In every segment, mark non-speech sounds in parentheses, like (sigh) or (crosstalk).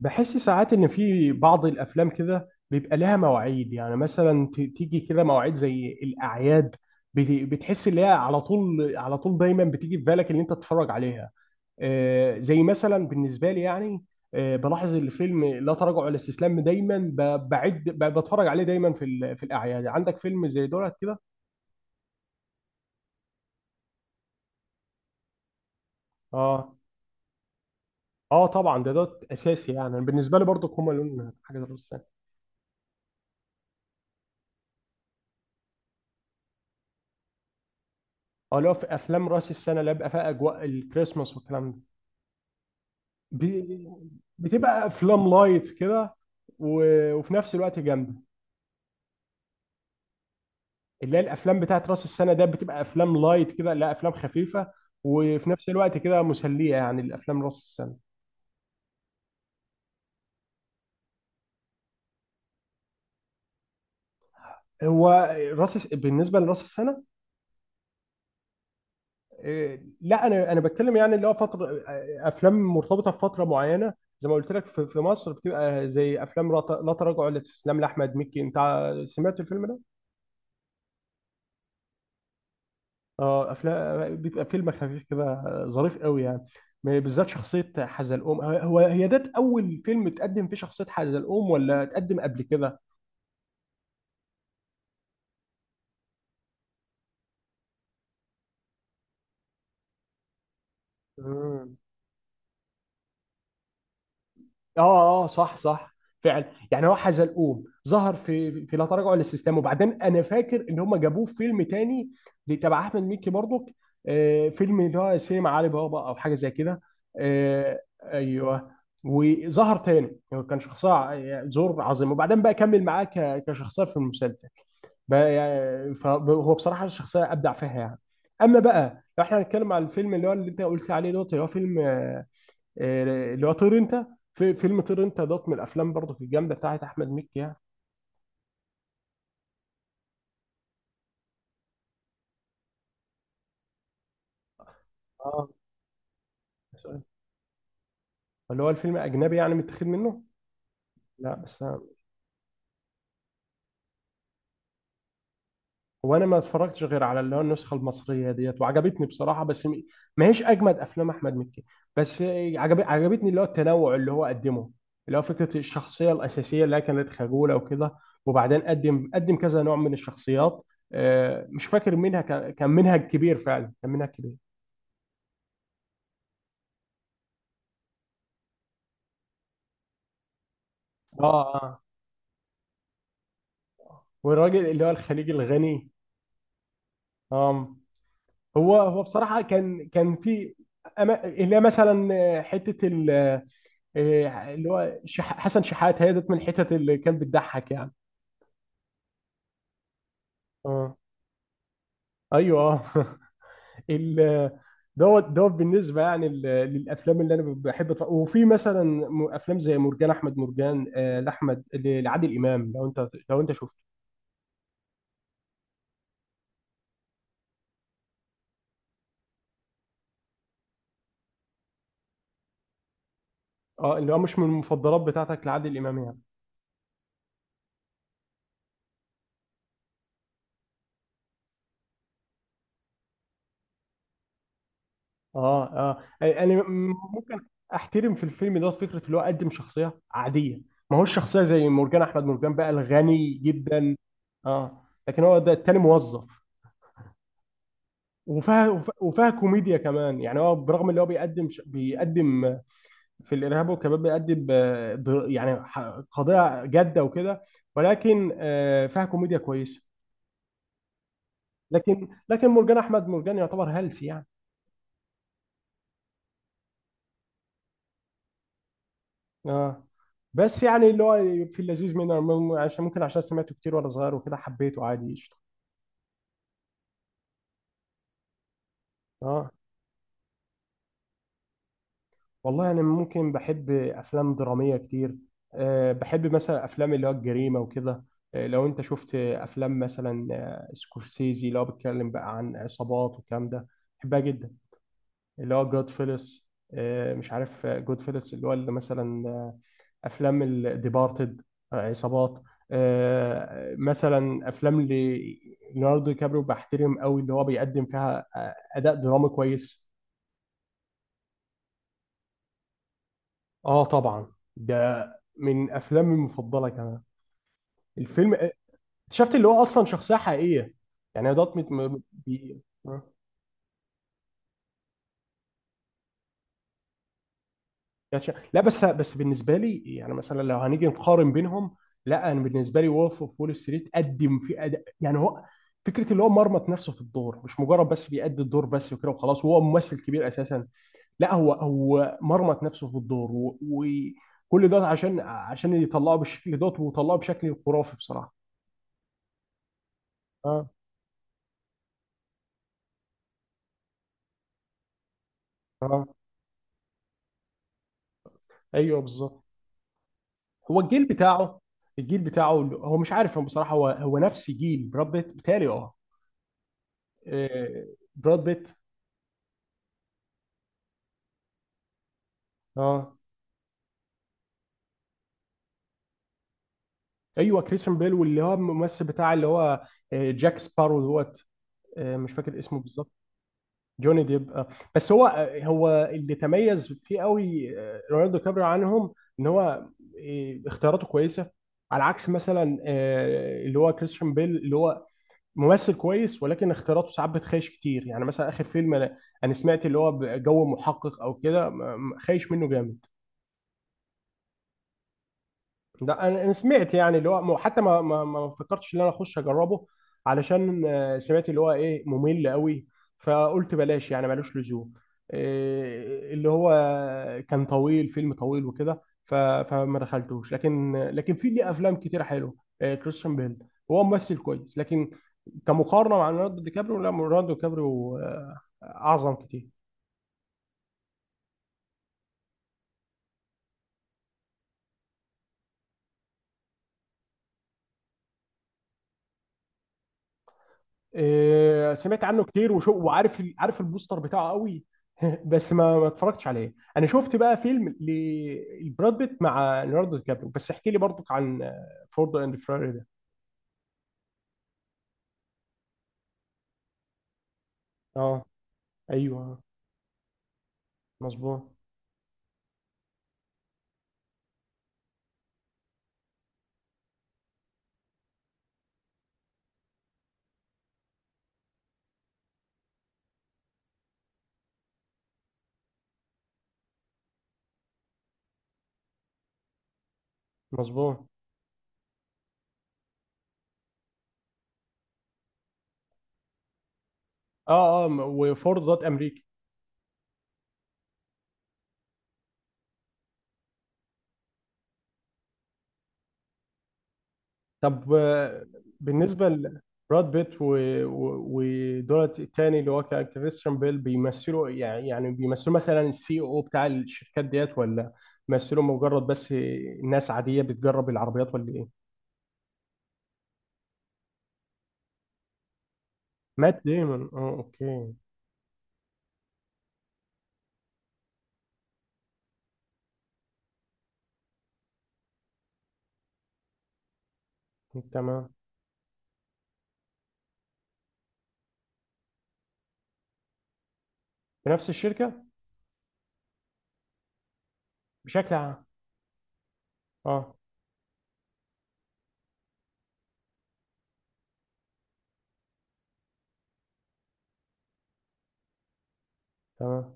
بحس ساعات ان في بعض الافلام كده بيبقى لها مواعيد، يعني مثلا تيجي كده مواعيد زي الاعياد. بتحس ان هي على طول على طول دايما بتيجي في بالك ان انت تتفرج عليها. زي مثلا بالنسبه لي يعني. بلاحظ الفيلم لا تراجع ولا استسلام، دايما بعد بتفرج عليه دايما في في الاعياد. عندك فيلم زي دولت كده؟ اه. اه طبعا، ده اساسي يعني، بالنسبه لي برضو هما لون حاجه زي راس السنه. اه، اللي هو في افلام راس السنه اللي بيبقى فيها اجواء الكريسماس والكلام ده. ب- بتبقى افلام لايت كده، وفي نفس الوقت جامده. اللي هي الافلام بتاعت راس السنه ده بتبقى افلام لايت كده، لا افلام خفيفه. وفي نفس الوقت كده مسليه، يعني الافلام راس السنه. هو بالنسبه لراس السنه. إيه، لا انا بتكلم، يعني اللي هو فتره، افلام مرتبطه بفتره معينه. زي ما قلت لك، في مصر بتبقى زي افلام لا تراجع ولا استسلام لاحمد مكي. انت سمعت الفيلم ده؟ اه، افلام بيبقى فيلم خفيف كده ظريف قوي يعني. بالذات شخصية حزلقوم. هو هي ده أول فيلم تقدم فيه شخصية حزلقوم، ولا تقدم قبل كده؟ مم. اه اه، آه، صح صح، فعلا. يعني هو حزلقوم ظهر في لا تراجع ولا استسلام، وبعدين انا فاكر ان هم جابوه في فيلم تاني تبع احمد مكي برضك. فيلم اللي هو سينما علي بابا او حاجه زي كده. آه ايوه. وظهر تاني، يعني كان شخصيه يعني زور عظيم، وبعدين بقى كمل معاه كشخصيه في المسلسل. بقى يعني فهو بصراحه الشخصيه ابدع فيها يعني. اما بقى لو احنا هنتكلم على الفيلم اللي هو اللي انت قلت عليه دوت، اللي هو فيلم، اللي هو طير انت. في فيلم طير انت دوت من الافلام برضه الجامده بتاعت احمد مكي يعني. اه، اللي هو الفيلم اجنبي يعني متاخد منه. لا بس هو انا ما اتفرجتش غير على اللي هو النسخه المصريه ديت، وعجبتني بصراحه، بس ما هيش اجمد افلام احمد مكي. بس عجبتني اللي هو التنوع اللي هو قدمه. اللي هو فكره الشخصيه الاساسيه اللي هي كانت خجوله وكده، وبعدين قدم كذا نوع من الشخصيات. مش فاكر منها، كان منهج كبير، فعلا كان منهج كبير. اه اه. والراجل اللي هو الخليجي الغني. اه. هو بصراحة كان في. اللي هي مثلا، اللي هو حسن شحات هي ديت من الحتت اللي كان بتضحك يعني. اه ايوه اه (laughs) ال- دوت بالنسبة يعني للأفلام اللي أنا بحب أتفرج، وفي مثلا أفلام زي مرجان أحمد مرجان، لعادل إمام. لو أنت شفته. اه، اللي هو مش من المفضلات بتاعتك لعادل إمام يعني. اه اه، انا ممكن احترم في الفيلم دوت فكره اللي هو قدم شخصيه عاديه. ما هوش شخصيه زي مرجان احمد مرجان بقى الغني جدا. اه، لكن هو ده التاني موظف. وفيها كوميديا كمان، يعني هو برغم اللي هو بيقدم بيقدم في الارهاب والكباب، بيقدم يعني قضيه جاده وكده، ولكن فيها كوميديا كويسه. لكن مرجان احمد مرجان يعتبر هلس يعني. اه، بس يعني اللي هو في اللذيذ منه، عشان سمعته كتير وانا صغير وكده، حبيته عادي قشطه. اه، والله انا ممكن بحب افلام دراميه كتير. أه، بحب مثلا افلام اللي هو الجريمه وكده. أه، لو انت شفت افلام مثلا، سكورسيزي اللي هو بيتكلم بقى عن عصابات والكلام ده، بحبها جدا. اللي هو جود فيلس. أه، مش عارف جود فيلس اللي هو اللي مثلا افلام الديبارتد، عصابات. مثلا افلام ليوناردو دي كابريو بحترم قوي اللي هو بيقدم فيها اداء درامي كويس. اه طبعا، ده من افلامي المفضله كمان. الفيلم اكتشفت اللي هو اصلا شخصيه حقيقيه. يعني دوت آه. يعني لا، بس بالنسبه لي يعني، مثلا لو هنيجي نقارن بينهم، لا انا بالنسبه لي وولف اوف وول ستريت قدم في أداء. يعني هو فكره اللي هو مرمط نفسه في الدور، مش مجرد بس بيأدي الدور بس وكده وخلاص، وهو ممثل كبير اساسا. لا، هو مرمط نفسه في الدور، وكل ده عشان يطلعه بالشكل دوت، وطلعه بشكل خرافي بصراحه. اه اه، ايوه بالظبط. هو الجيل بتاعه، الجيل بتاعه، هو مش عارف، هو بصراحه هو نفس جيل براد بيت بتهيألي. اه. آه، براد بيت. اه ايوه، كريستيان بيل، واللي هو الممثل بتاع اللي هو جاك سبارو دوت، مش فاكر اسمه بالظبط. جوني ديب آه. بس هو اللي تميز فيه قوي، ليوناردو كابريو عنهم، ان هو اختياراته كويسه، على عكس مثلا اللي هو كريستيان بيل. اللي هو ممثل كويس ولكن اختياراته ساعات بتخيش كتير. يعني مثلا اخر فيلم أنا سمعت اللي هو جو محقق او كده، خايش منه جامد. لا أنا سمعت، يعني اللي هو حتى ما فكرتش ان انا اخش اجربه، علشان سمعت اللي هو ايه ممل قوي، فقلت بلاش يعني ملوش لزوم. إيه، اللي هو كان طويل، فيلم طويل وكده، فما دخلتوش. لكن في ليه افلام كتير حلوه. إيه، كريستيان بيل هو ممثل كويس، لكن كمقارنه مع ليوناردو دي كابريو، لا، ليوناردو دي كابريو اعظم كتير. سمعت عنه كتير، وشو وعارف عارف البوستر بتاعه قوي. (laughs) بس ما اتفرجتش عليه. انا شفت بقى فيلم لبراد بيت مع ليوناردو دي كابريو، بس احكي لي برضك عن فورد اند فيراري ده. اه ايوه، مظبوط مظبوط. اه اه، وفورد ضد امريكا. طب، بالنسبة لبراد بيت ودولت التاني اللي هو كان كريستيان بيل، بيمثلوا يعني بيمثلوا مثلا السي او بتاع الشركات ديت، ولا بيمثلوا مجرد بس ناس عادية بتجرب العربيات، ولا ايه؟ مات ديمون، اه اوكي، تمام. في نفس الشركة. بشكل عام. اه، تمام.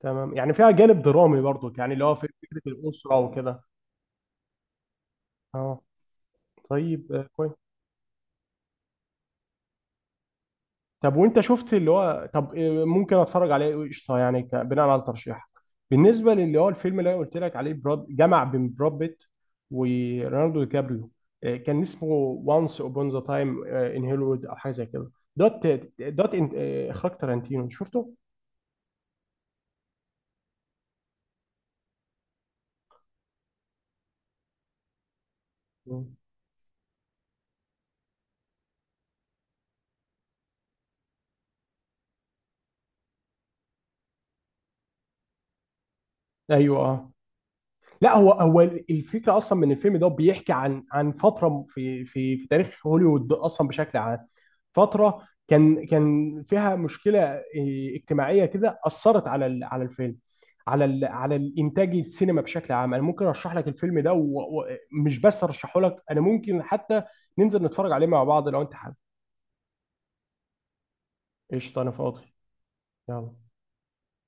تمام، يعني فيها جانب درامي برضو، يعني اللي هو في فكرة الأسرة وكده. اه، طيب، كويس. طب، وانت شفت اللي هو طب إيه ممكن اتفرج عليه إيه؟ قشطه يعني، بناء على ترشيحك. بالنسبه للي هو الفيلم اللي انا قلت لك عليه، جمع بين براد بيت وليوناردو دي كابريو، إيه كان اسمه، وانس upon ذا تايم ان هوليوود او حاجه زي كده. دوت. إيه، اخراج تارانتينو شفته؟ مم. ايوه اه. لا، هو الفكره اصلا من الفيلم ده، بيحكي عن فتره في تاريخ هوليوود اصلا بشكل عام. فتره كان فيها مشكله، إيه، اجتماعيه كده اثرت على على الفيلم، على على الانتاج السينما بشكل عام. انا ممكن ارشح لك الفيلم ده، ومش بس ارشحه لك، انا ممكن حتى ننزل نتفرج عليه مع بعض لو انت حابب. قشطه انا فاضي. يلا.